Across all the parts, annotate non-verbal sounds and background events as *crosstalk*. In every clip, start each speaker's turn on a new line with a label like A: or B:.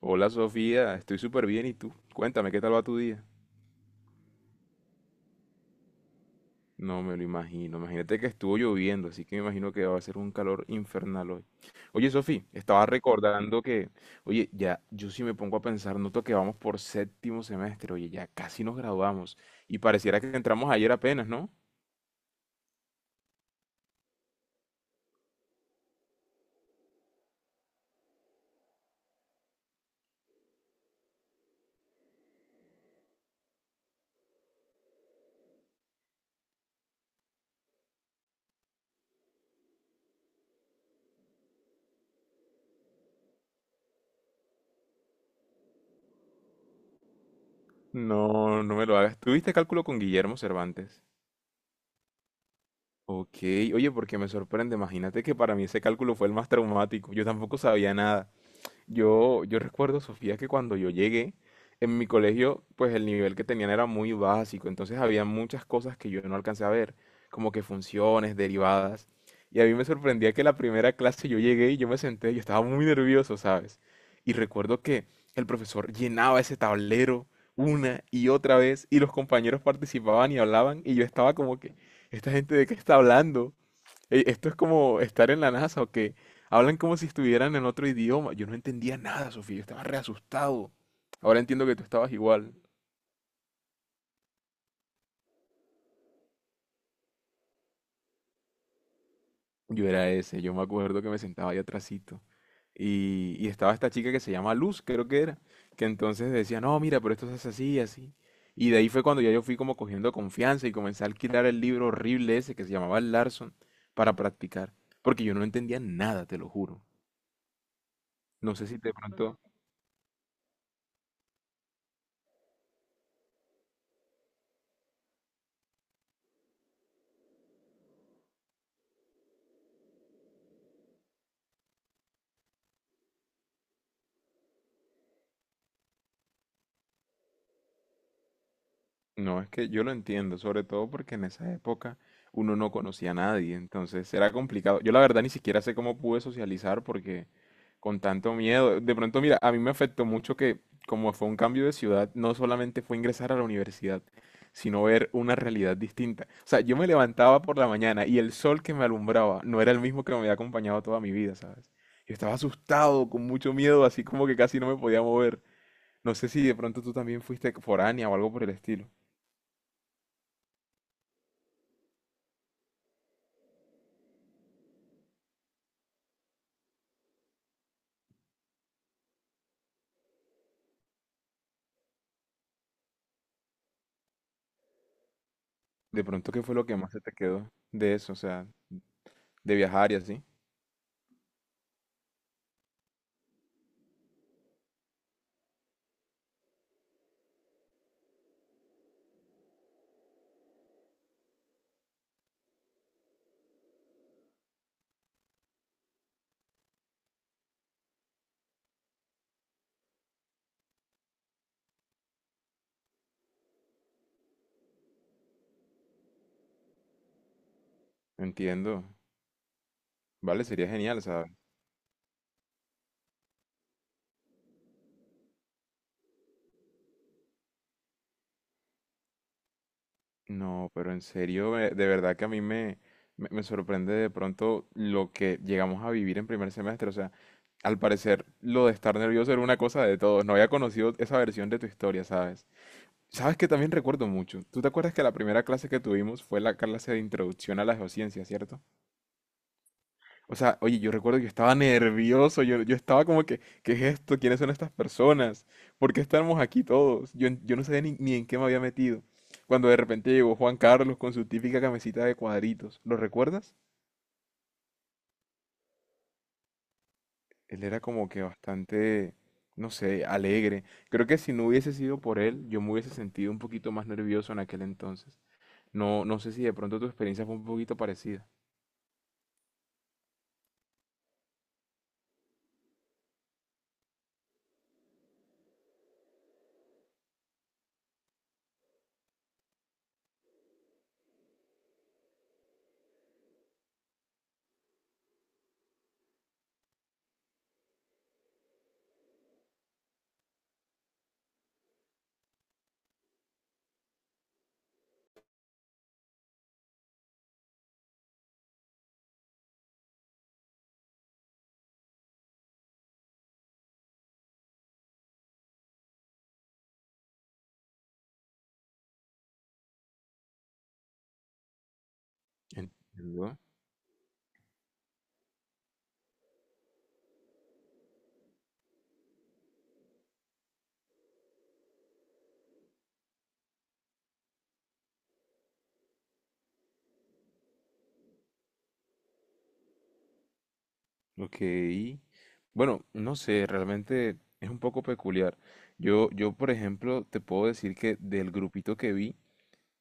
A: Hola Sofía, estoy súper bien y tú, cuéntame qué tal va tu día. No me lo imagino, imagínate que estuvo lloviendo, así que me imagino que va a ser un calor infernal hoy. Oye Sofía, estaba recordando que, oye, ya yo sí me pongo a pensar, noto que vamos por séptimo semestre, oye, ya casi nos graduamos y pareciera que entramos ayer apenas, ¿no? No, no me lo hagas. ¿Tuviste cálculo con Guillermo Cervantes? Ok, oye, porque me sorprende, imagínate que para mí ese cálculo fue el más traumático, yo tampoco sabía nada. Yo recuerdo, Sofía, que cuando yo llegué, en mi colegio, pues el nivel que tenían era muy básico, entonces había muchas cosas que yo no alcancé a ver, como que funciones, derivadas. Y a mí me sorprendía que la primera clase yo llegué y yo me senté, yo estaba muy nervioso, ¿sabes? Y recuerdo que el profesor llenaba ese tablero una y otra vez y los compañeros participaban y hablaban y yo estaba como que, ¿esta gente de qué está hablando? Esto es como estar en la NASA o que hablan como si estuvieran en otro idioma. Yo no entendía nada, Sofía, yo estaba re asustado. Ahora entiendo que tú estabas igual. Yo era ese, yo me acuerdo que me sentaba ahí atrasito. Y estaba esta chica que se llama Luz, creo que era, que entonces decía, no, mira, pero esto se hace así, así. Y de ahí fue cuando ya yo fui como cogiendo confianza y comencé a alquilar el libro horrible ese que se llamaba Larson para practicar. Porque yo no entendía nada, te lo juro. No sé si de pronto. No, es que yo lo entiendo, sobre todo porque en esa época uno no conocía a nadie, entonces era complicado. Yo la verdad ni siquiera sé cómo pude socializar porque con tanto miedo, de pronto mira, a mí me afectó mucho que como fue un cambio de ciudad, no solamente fue ingresar a la universidad, sino ver una realidad distinta. O sea, yo me levantaba por la mañana y el sol que me alumbraba no era el mismo que me había acompañado toda mi vida, ¿sabes? Yo estaba asustado, con mucho miedo, así como que casi no me podía mover. No sé si de pronto tú también fuiste foránea o algo por el estilo. De pronto, ¿qué fue lo que más se te quedó de eso? O sea, de viajar y así. Entiendo. Vale, sería genial, ¿sabes? No, pero en serio, de verdad que a mí me sorprende de pronto lo que llegamos a vivir en primer semestre. O sea, al parecer lo de estar nervioso era una cosa de todos. No había conocido esa versión de tu historia, ¿sabes? Sabes que también recuerdo mucho. Tú te acuerdas que la primera clase que tuvimos fue la clase de introducción a la geociencia, ¿cierto? O sea, oye, yo recuerdo que estaba nervioso, yo estaba como que, ¿qué es esto? ¿Quiénes son estas personas? ¿Por qué estamos aquí todos? Yo no sabía ni en qué me había metido. Cuando de repente llegó Juan Carlos con su típica camisita de cuadritos, ¿lo recuerdas? Él era como que bastante, no sé, alegre. Creo que si no hubiese sido por él, yo me hubiese sentido un poquito más nervioso en aquel entonces. No, no sé si de pronto tu experiencia fue un poquito parecida. Entiendo. Ok. Bueno, no sé, realmente es un poco peculiar. Por ejemplo, te puedo decir que del grupito que vi,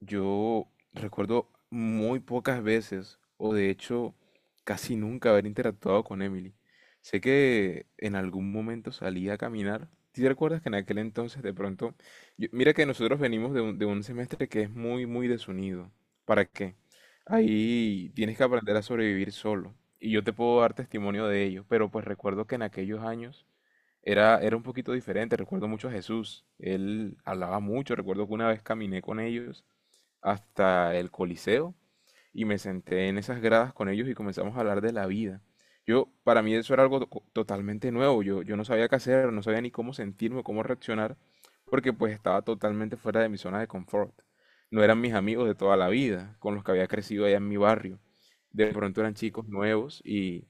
A: yo recuerdo muy pocas veces, o de hecho casi nunca haber interactuado con Emily. Sé que en algún momento salí a caminar. ¿Sí te recuerdas que en aquel entonces de pronto? Mira que nosotros venimos de un semestre que es muy, muy desunido. ¿Para qué? Ahí tienes que aprender a sobrevivir solo. Y yo te puedo dar testimonio de ello. Pero pues recuerdo que en aquellos años era un poquito diferente. Recuerdo mucho a Jesús. Él hablaba mucho. Recuerdo que una vez caminé con ellos hasta el Coliseo y me senté en esas gradas con ellos y comenzamos a hablar de la vida. Yo, para mí eso era algo totalmente nuevo, yo no sabía qué hacer, no sabía ni cómo sentirme, cómo reaccionar, porque pues estaba totalmente fuera de mi zona de confort. No eran mis amigos de toda la vida, con los que había crecido allá en mi barrio. De pronto eran chicos nuevos y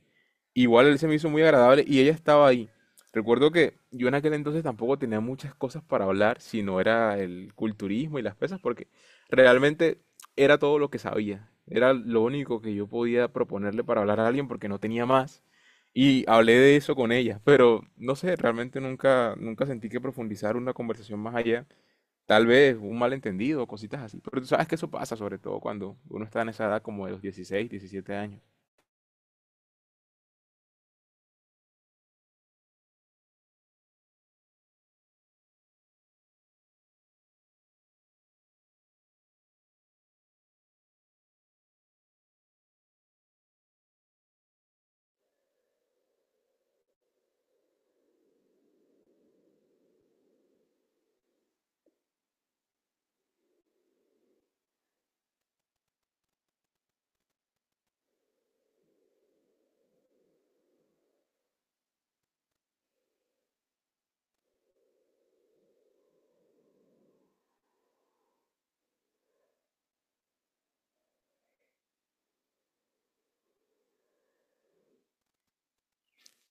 A: igual él se me hizo muy agradable y ella estaba ahí. Recuerdo que yo en aquel entonces tampoco tenía muchas cosas para hablar, si no era el culturismo y las pesas, porque realmente era todo lo que sabía. Era lo único que yo podía proponerle para hablar a alguien porque no tenía más. Y hablé de eso con ella, pero no sé, realmente nunca, nunca sentí que profundizar una conversación más allá. Tal vez un malentendido, cositas así. Pero tú sabes que eso pasa, sobre todo cuando uno está en esa edad como de los 16 17 años.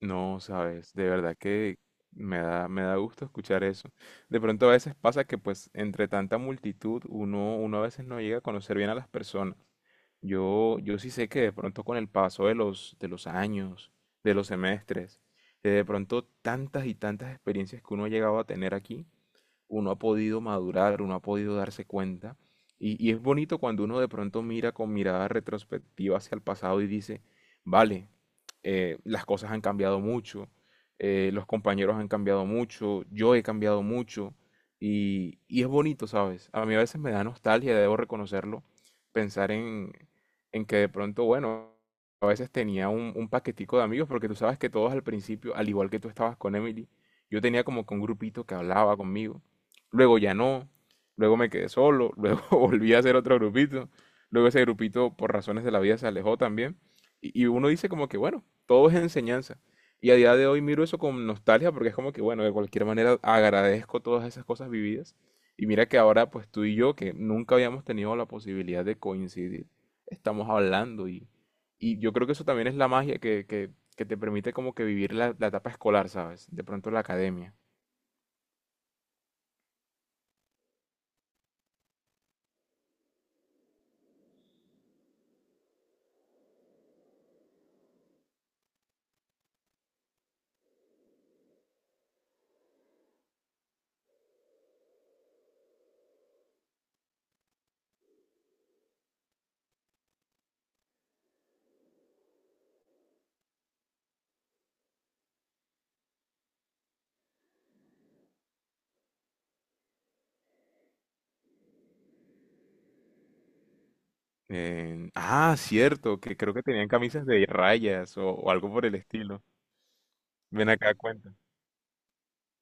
A: No, sabes, de verdad que me da gusto escuchar eso. De pronto a veces pasa que pues entre tanta multitud uno a veces no llega a conocer bien a las personas. Yo sí sé que de pronto con el paso de los años, de los semestres, de pronto tantas y tantas experiencias que uno ha llegado a tener aquí, uno ha podido madurar, uno ha podido darse cuenta. Y es bonito cuando uno de pronto mira con mirada retrospectiva hacia el pasado y dice, vale, las cosas han cambiado mucho, los compañeros han cambiado mucho, yo he cambiado mucho y es bonito, ¿sabes? A mí a veces me da nostalgia, debo reconocerlo, pensar en que de pronto, bueno, a veces tenía un paquetico de amigos, porque tú sabes que todos al principio, al igual que tú estabas con Emily, yo tenía como que un grupito que hablaba conmigo, luego ya no, luego me quedé solo, *laughs* luego volví a hacer otro grupito, luego ese grupito por razones de la vida se alejó también, y uno dice como que, bueno, todo es enseñanza. Y a día de hoy miro eso con nostalgia porque es como que, bueno, de cualquier manera agradezco todas esas cosas vividas. Y mira que ahora pues tú y yo, que nunca habíamos tenido la posibilidad de coincidir, estamos hablando y yo creo que eso también es la magia que te permite como que vivir la etapa escolar, ¿sabes? De pronto la academia. Ah, cierto, que creo que tenían camisas de rayas o algo por el estilo. Ven acá, cuenta.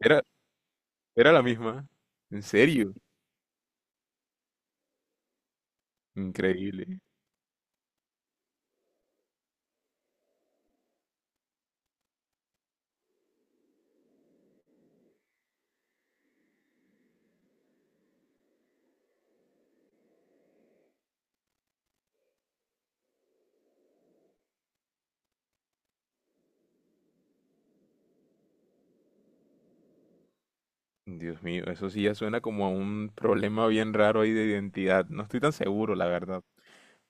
A: Era, era la misma. ¿En serio? Increíble. Dios mío, eso sí ya suena como a un problema bien raro ahí de identidad. No estoy tan seguro, la verdad.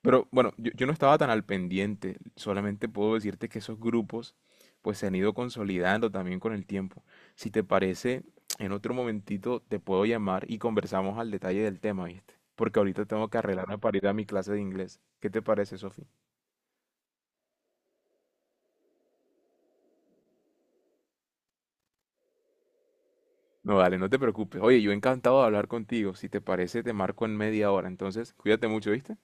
A: Pero bueno, yo no estaba tan al pendiente. Solamente puedo decirte que esos grupos pues se han ido consolidando también con el tiempo. Si te parece, en otro momentito te puedo llamar y conversamos al detalle del tema, ¿viste? Porque ahorita tengo que arreglarme para ir a mi clase de inglés. ¿Qué te parece, Sofi? No, dale, no te preocupes. Oye, yo encantado de hablar contigo. Si te parece, te marco en media hora. Entonces, cuídate mucho, ¿viste?